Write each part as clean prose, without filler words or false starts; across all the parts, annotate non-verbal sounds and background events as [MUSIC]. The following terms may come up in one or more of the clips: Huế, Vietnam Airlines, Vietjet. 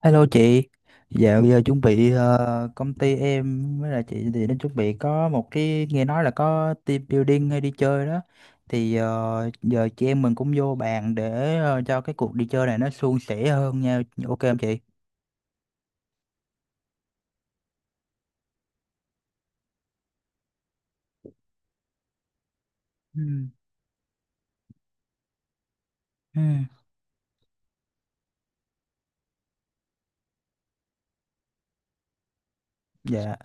Hello chị, dạo giờ chuẩn bị công ty em với là chị thì nó chuẩn bị có một cái nghe nói là có team building hay đi chơi đó. Thì giờ chị em mình cũng vô bàn để cho cái cuộc đi chơi này nó suôn sẻ hơn nha, ok không chị? Ừ. Ừ. Dạ.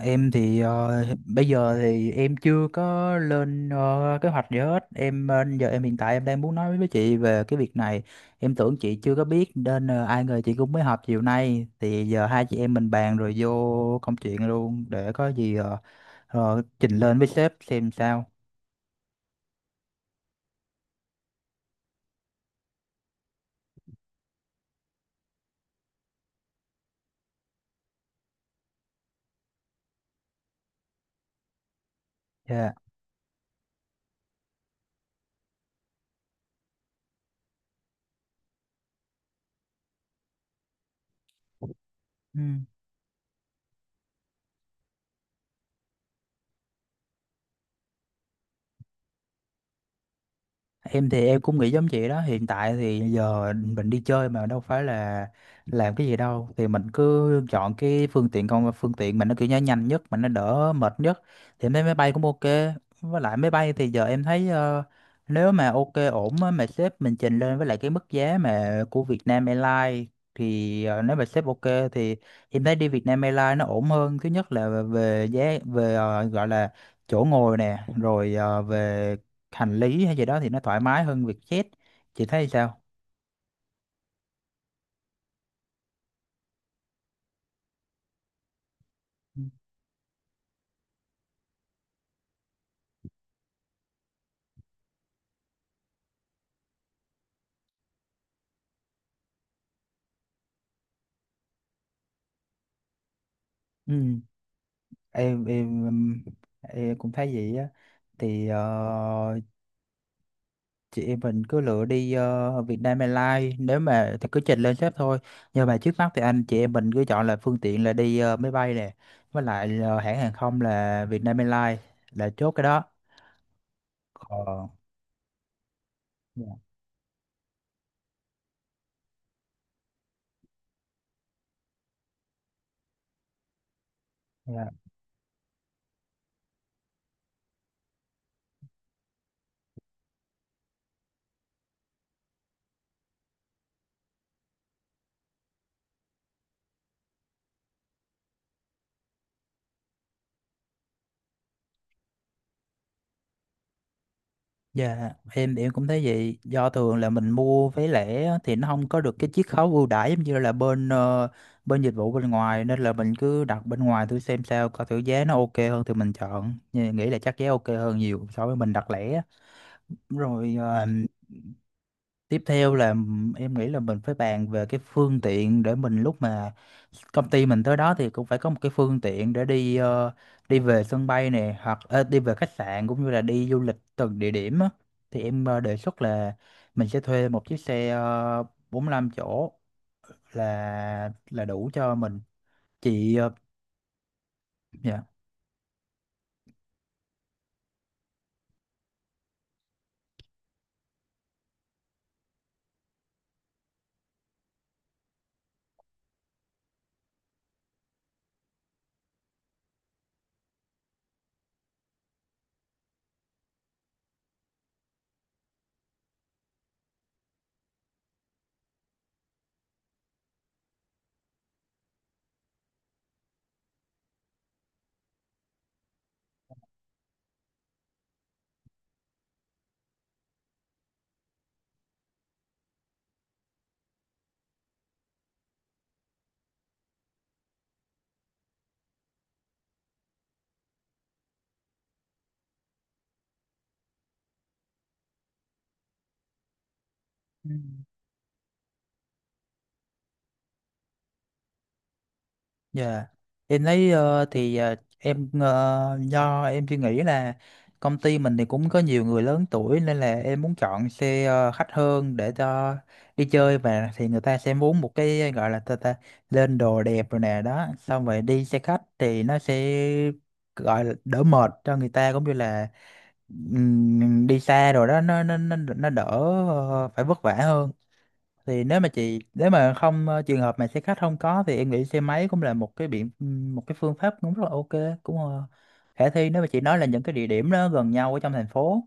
Em thì bây giờ thì em chưa có lên kế hoạch gì hết. Giờ em hiện tại em đang muốn nói với chị về cái việc này. Em tưởng chị chưa có biết nên ai ngờ chị cũng mới họp chiều nay. Thì giờ hai chị em mình bàn rồi vô công chuyện luôn để có gì trình lên với sếp xem sao. Dạ. Ừ. Em thì em cũng nghĩ giống chị đó, hiện tại thì giờ mình đi chơi mà đâu phải là làm cái gì đâu, thì mình cứ chọn cái phương tiện mình nó kiểu như nhanh nhất mà nó đỡ mệt nhất, thì em thấy máy bay cũng ok. Với lại máy bay thì giờ em thấy nếu mà ok ổn á, mà sếp mình trình lên với lại cái mức giá mà của Vietnam Airlines thì nếu mà sếp ok thì em thấy đi Vietnam Airlines nó ổn hơn. Thứ nhất là về giá, về gọi là chỗ ngồi nè, rồi về hành lý hay gì đó thì nó thoải mái hơn Vietjet. Chị thấy sao? Ừ. em em em em cũng thấy vậy á. Thì chị em mình cứ lựa đi Vietnam Airlines, nếu mà thì cứ trình lên sếp thôi. Nhưng mà trước mắt thì anh chị em mình cứ chọn là phương tiện là đi máy bay nè, với lại hãng hàng không là Vietnam Airlines, là chốt cái đó. Còn dạ, em cũng thấy vậy. Do thường là mình mua vé lẻ á, thì nó không có được cái chiết khấu ưu đãi giống như là bên bên dịch vụ bên ngoài, nên là mình cứ đặt bên ngoài thử xem sao, coi thử giá nó ok hơn thì mình chọn. Nhưng nghĩ là chắc giá ok hơn nhiều so với mình đặt lẻ á. Rồi tiếp theo là em nghĩ là mình phải bàn về cái phương tiện để mình lúc mà công ty mình tới đó thì cũng phải có một cái phương tiện để đi đi về sân bay này, hoặc đi về khách sạn, cũng như là đi du lịch từng địa điểm á. Thì em đề xuất là mình sẽ thuê một chiếc xe 45 chỗ là đủ cho mình. Chị ờ, dạ. Dạ, em thấy thì em do em suy nghĩ là công ty mình thì cũng có nhiều người lớn tuổi, nên là em muốn chọn xe khách hơn để cho đi chơi. Và thì người ta sẽ muốn một cái gọi là ta lên đồ đẹp rồi nè đó, xong rồi đi xe khách thì nó sẽ gọi là đỡ mệt cho người ta, cũng như là đi xa rồi đó nó đỡ phải vất vả hơn. Thì nếu mà không trường hợp mà xe khách không có thì em nghĩ xe máy cũng là một cái phương pháp cũng rất là ok, cũng khả thi, nếu mà chị nói là những cái địa điểm đó gần nhau ở trong thành phố.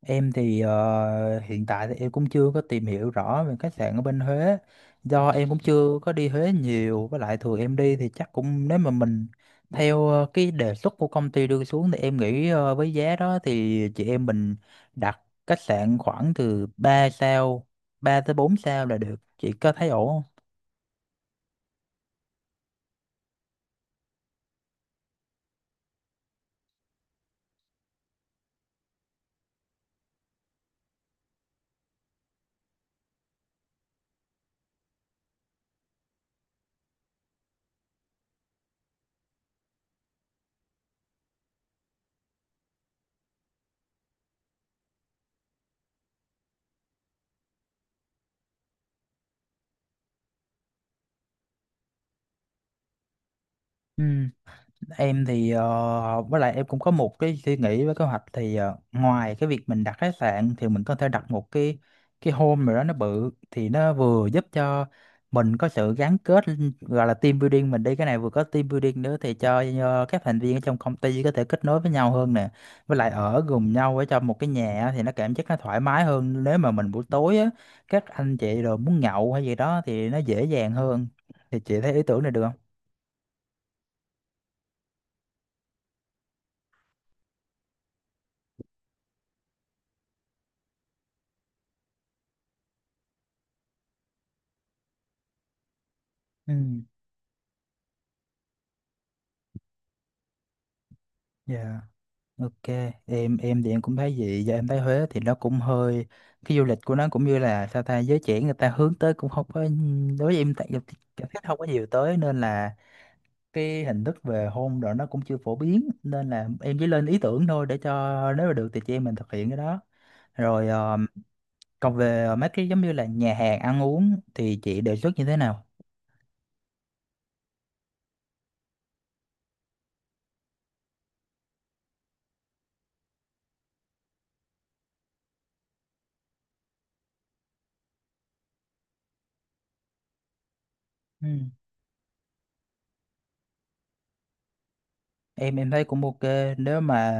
Em thì hiện tại thì em cũng chưa có tìm hiểu rõ về khách sạn ở bên Huế, do em cũng chưa có đi Huế nhiều. Với lại thường em đi thì chắc cũng, nếu mà mình theo cái đề xuất của công ty đưa xuống thì em nghĩ với giá đó thì chị em mình đặt khách sạn khoảng từ 3 sao, 3 tới 4 sao là được. Chị có thấy ổn không? Ừ. Em thì với lại em cũng có một cái suy nghĩ với kế hoạch thì ngoài cái việc mình đặt khách sạn thì mình có thể đặt một cái home rồi đó nó bự, thì nó vừa giúp cho mình có sự gắn kết, gọi là team building. Mình đi cái này vừa có team building nữa, thì cho các thành viên ở trong công ty có thể kết nối với nhau hơn nè. Với lại ở cùng nhau ở trong một cái nhà á, thì nó cảm giác nó thoải mái hơn. Nếu mà mình buổi tối á, các anh chị rồi muốn nhậu hay gì đó thì nó dễ dàng hơn. Thì chị thấy ý tưởng này được không? Ừ, dạ. Ok, em thì em cũng thấy vậy. Giờ em thấy Huế thì nó cũng hơi, cái du lịch của nó cũng như là sao ta, giới trẻ người ta hướng tới cũng không có, đối với em tại cảm thấy không có nhiều tới, nên là cái hình thức về hôn rồi nó cũng chưa phổ biến, nên là em chỉ lên ý tưởng thôi, để cho nếu mà được thì chị em mình thực hiện cái đó. Rồi còn về mấy cái giống như là nhà hàng ăn uống thì chị đề xuất như thế nào? Em thấy cũng ok. Nếu mà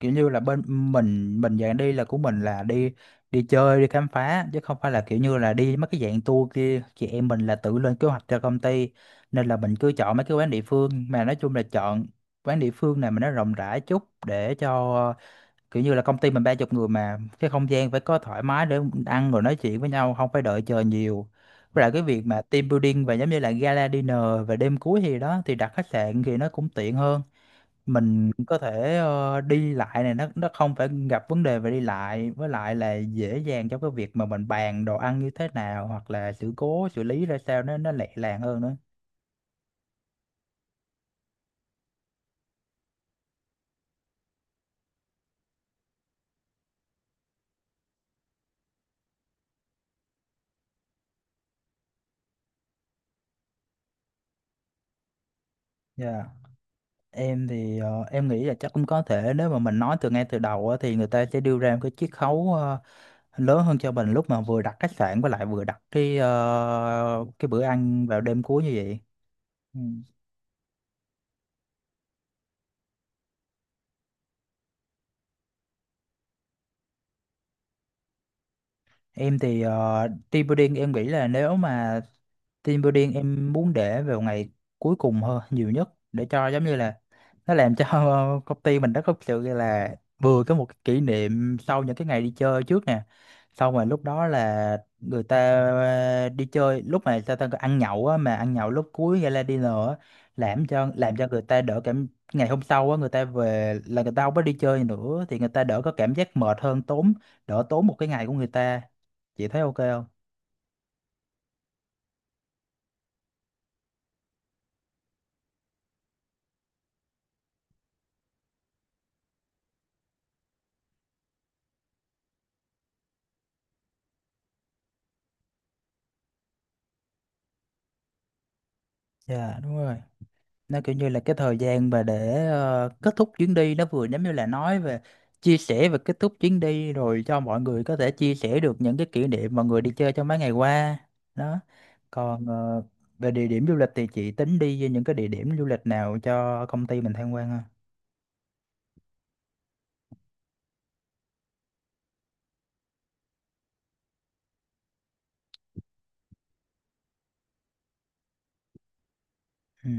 kiểu như là bên mình dạng đi là của mình là đi đi chơi đi khám phá, chứ không phải là kiểu như là đi mấy cái dạng tour kia, chị em mình là tự lên kế hoạch cho công ty, nên là mình cứ chọn mấy cái quán địa phương. Mà nói chung là chọn quán địa phương này mà nó rộng rãi chút, để cho kiểu như là công ty mình 30 người mà cái không gian phải có thoải mái để ăn rồi nói chuyện với nhau, không phải đợi chờ nhiều. Với lại cái việc mà team building và giống như là gala dinner và đêm cuối thì đó, thì đặt khách sạn thì nó cũng tiện hơn. Mình có thể đi lại này, nó không phải gặp vấn đề về đi lại, với lại là dễ dàng cho cái việc mà mình bàn đồ ăn như thế nào, hoặc là sự cố xử lý ra sao, nó lẹ làng hơn nữa. Dạ. Em thì em nghĩ là chắc cũng có thể, nếu mà mình nói từ ngay từ đầu á, thì người ta sẽ đưa ra một cái chiết khấu lớn hơn cho mình, lúc mà vừa đặt khách sạn với lại vừa đặt cái bữa ăn vào đêm cuối như vậy. Ừ. Em thì team building em nghĩ là nếu mà, team building em muốn để vào ngày cuối cùng hơn nhiều nhất, để cho giống như là nó làm cho [LAUGHS] công ty mình nó có sự là vừa có một cái kỷ niệm sau những cái ngày đi chơi trước nè. Xong rồi lúc đó là người ta đi chơi, lúc mà ta ta ăn nhậu á, mà ăn nhậu lúc cuối gala dinner á, làm cho người ta đỡ cảm. Ngày hôm sau á người ta về là người ta không có đi chơi nữa, thì người ta đỡ có cảm giác mệt hơn, tốn, đỡ tốn một cái ngày của người ta. Chị thấy ok không? Dạ đúng rồi, nó kiểu như là cái thời gian mà để kết thúc chuyến đi, nó vừa giống như là nói về chia sẻ và kết thúc chuyến đi rồi, cho mọi người có thể chia sẻ được những cái kỷ niệm mọi người đi chơi trong mấy ngày qua đó. Còn về địa điểm du lịch thì chị tính đi với những cái địa điểm du lịch nào cho công ty mình tham quan ha? Ừ,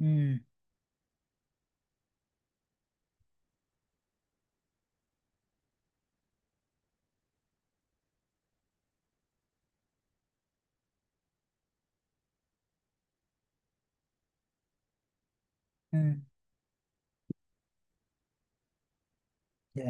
ừ, ừ. Dạ.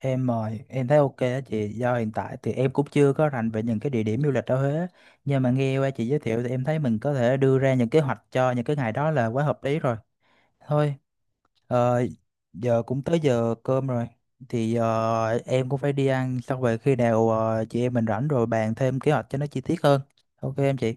Em mời em thấy ok á chị, do hiện tại thì em cũng chưa có rành về những cái địa điểm du lịch ở Huế, nhưng mà nghe qua chị giới thiệu thì em thấy mình có thể đưa ra những kế hoạch cho những cái ngày đó là quá hợp lý rồi. Thôi, ờ, giờ cũng tới giờ cơm rồi. Thì em cũng phải đi ăn, xong về khi nào chị em mình rảnh rồi bàn thêm kế hoạch cho nó chi tiết hơn. Ok em chị.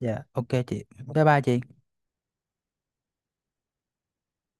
Dạ, ok chị. Bye bye chị.